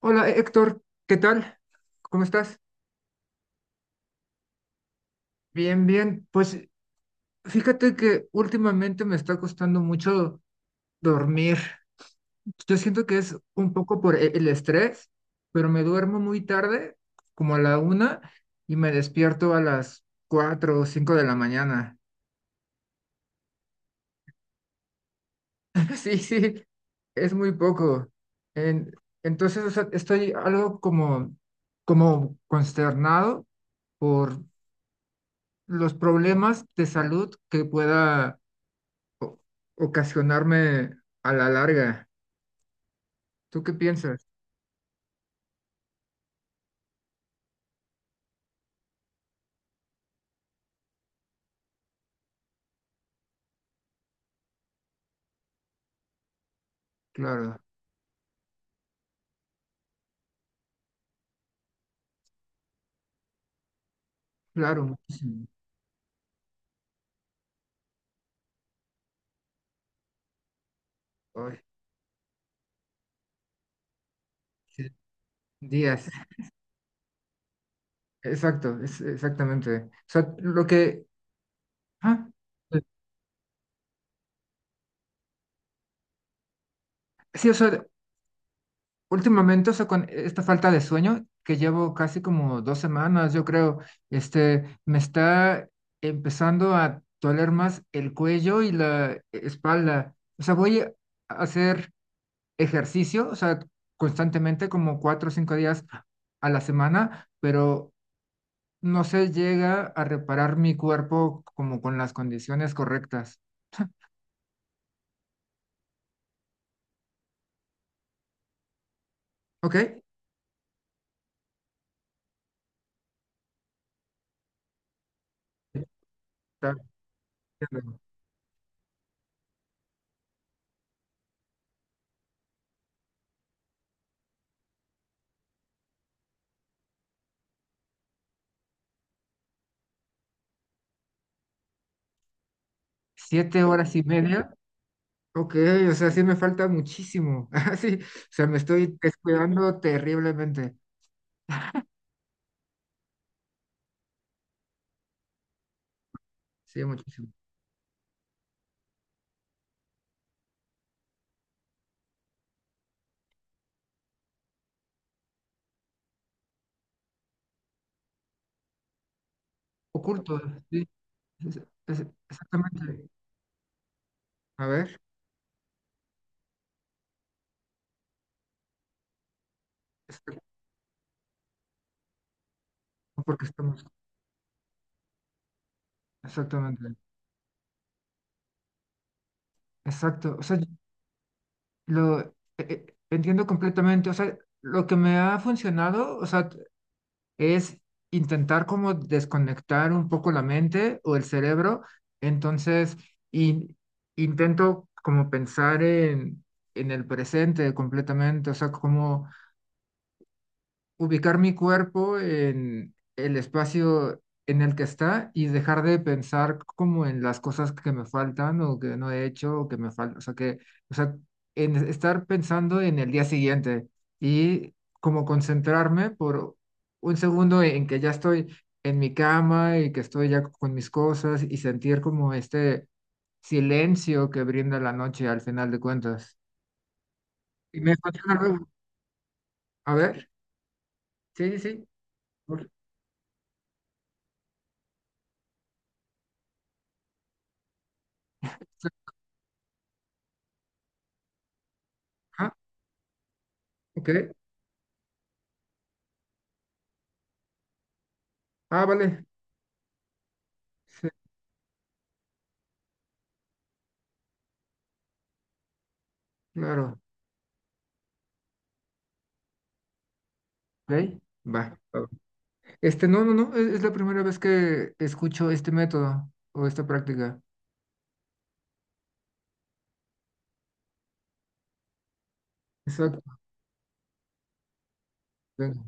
Hola Héctor, ¿qué tal? ¿Cómo estás? Bien, bien. Pues fíjate que últimamente me está costando mucho dormir. Yo siento que es un poco por el estrés, pero me duermo muy tarde, como a la 1, y me despierto a las 4 o 5 de la mañana. Sí, sí, es muy poco. En- entonces, o sea, estoy algo como, como consternado por los problemas de salud que pueda o- ocasionarme a la larga. ¿Tú qué piensas? Claro, claro, muchísimo. Ay, sí, días. Exacto, exactamente. O sea, lo que ah, sí, o sea, últimamente, o sea, con esta falta de sueño que llevo casi como 2 semanas, yo creo, este, me está empezando a doler más el cuello y la espalda. O sea, voy a hacer ejercicio, o sea, constantemente como 4 o 5 días a la semana, pero no se llega a reparar mi cuerpo como con las condiciones correctas. ¿Ok? Está bien. 7 horas y media. Ok, o sea, sí me falta muchísimo. Ah, sí, o sea, me estoy descuidando terriblemente. Sí, muchísimo. Oculto, sí, es- exactamente. A ver, exacto, porque estamos, exactamente. Exacto. O sea, lo entiendo completamente. O sea, lo que me ha funcionado, o sea, es intentar como desconectar un poco la mente o el cerebro. Entonces, in- intento como pensar en el presente completamente. O sea, como ubicar mi cuerpo en el espacio en el que está y dejar de pensar como en las cosas que me faltan o que no he hecho o que me faltan, o sea que, o sea, en estar pensando en el día siguiente y como concentrarme por un segundo en que ya estoy en mi cama y que estoy ya con mis cosas y sentir como este silencio que brinda la noche al final de cuentas. Y me funciona luego. A ver, sí, sí, sí. Por- ajá, ok. Ah, vale. Sí, claro. Ok, va. Este, no, no, no. Es la primera vez que escucho este método o esta práctica. Exacto. Venga,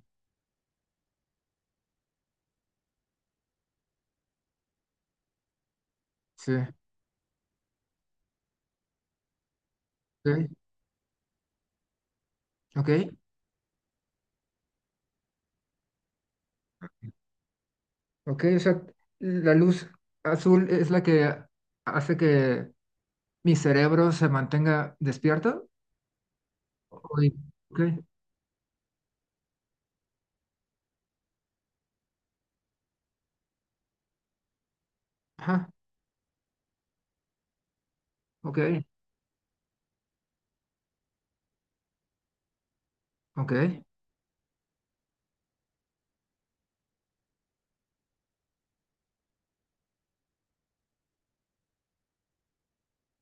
sí. Ok. Ok. Ok, o sea, la luz azul es la que hace que mi cerebro se mantenga despierto. Ok. Ok, ajá. Ok. Ok.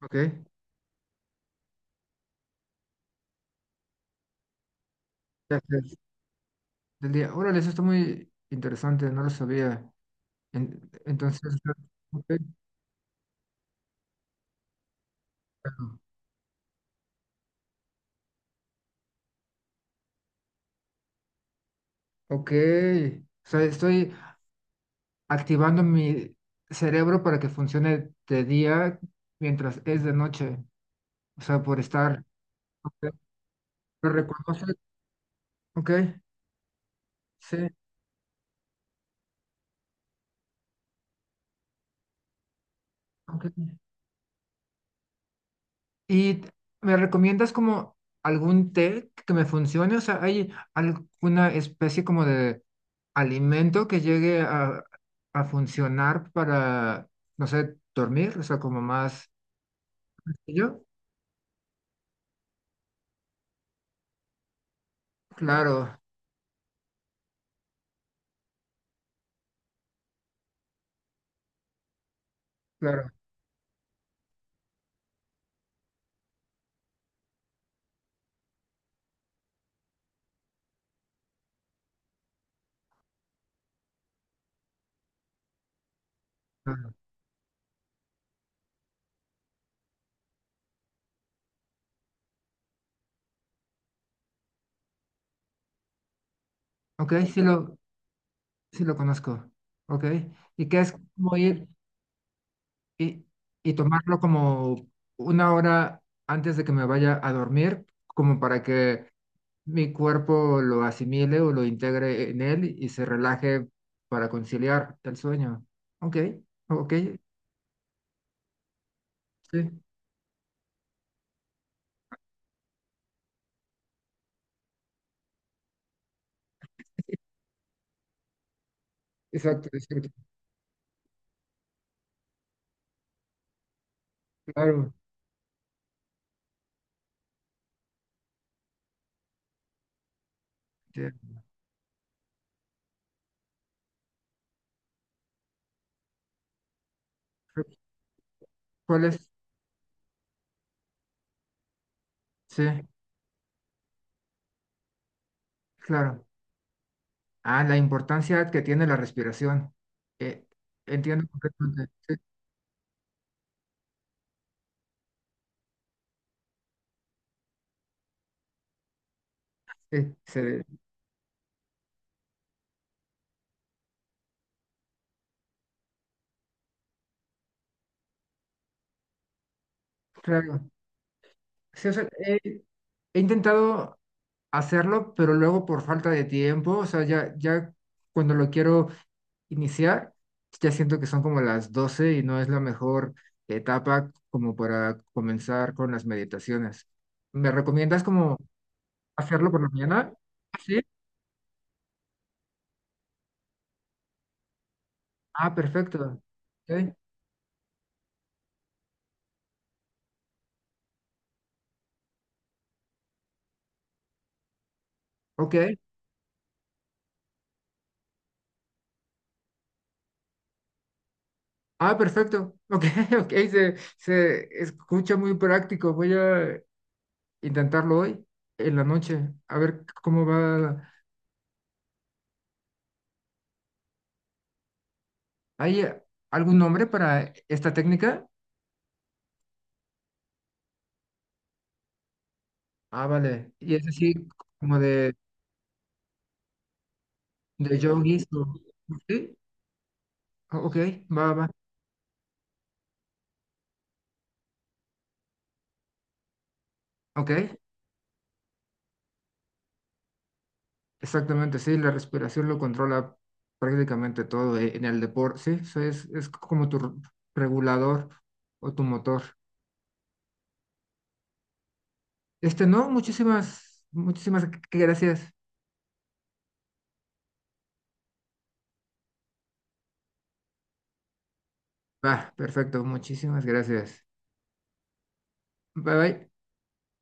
Ok. Ya sé, del día. Órale, eso está muy interesante. No lo sabía. Entonces, ok, claro. Ok, o sea, estoy activando mi cerebro para que funcione de día mientras es de noche, o sea, por estar, ok, lo reconoce, ok, sí, ok. ¿Y me recomiendas como algún té que me funcione? O sea, ¿hay alguna especie como de alimento que llegue a funcionar para, no sé, dormir? O sea, como más ¿Yo? Claro, claro, claro. Ok, sí, lo conozco. Ok. Y ¿qué es como ir y, y tomarlo como 1 hora antes de que me vaya a dormir, como para que mi cuerpo lo asimile o lo integre en él y se relaje para conciliar el sueño. Ok, ok, sí, exacto, exacto, claro. Sí. ¿Cuál es? Sí, claro. Ah, la importancia que tiene la respiración. Eh, entiendo completamente. Sí, sí, claro. Sí, o sea, he intentado hacerlo, pero luego por falta de tiempo, o sea, ya, ya cuando lo quiero iniciar, ya siento que son como las 12 y no es la mejor etapa como para comenzar con las meditaciones. ¿Me recomiendas como hacerlo por la mañana? Ah, sí. Ah, perfecto. Ok. Ok. Ah, perfecto. Ok, ok. Se escucha muy práctico. Voy a intentarlo hoy en la noche, a ver cómo va. ¿Hay algún nombre para esta técnica? Ah, vale. Y es así como de yogis. Sí, ok, va, va. Ok, exactamente, sí, la respiración lo controla prácticamente todo en el deporte, sí, eso es como tu regulador o tu motor. Este, no, muchísimas, muchísimas gracias. Va, perfecto, muchísimas gracias. Bye bye.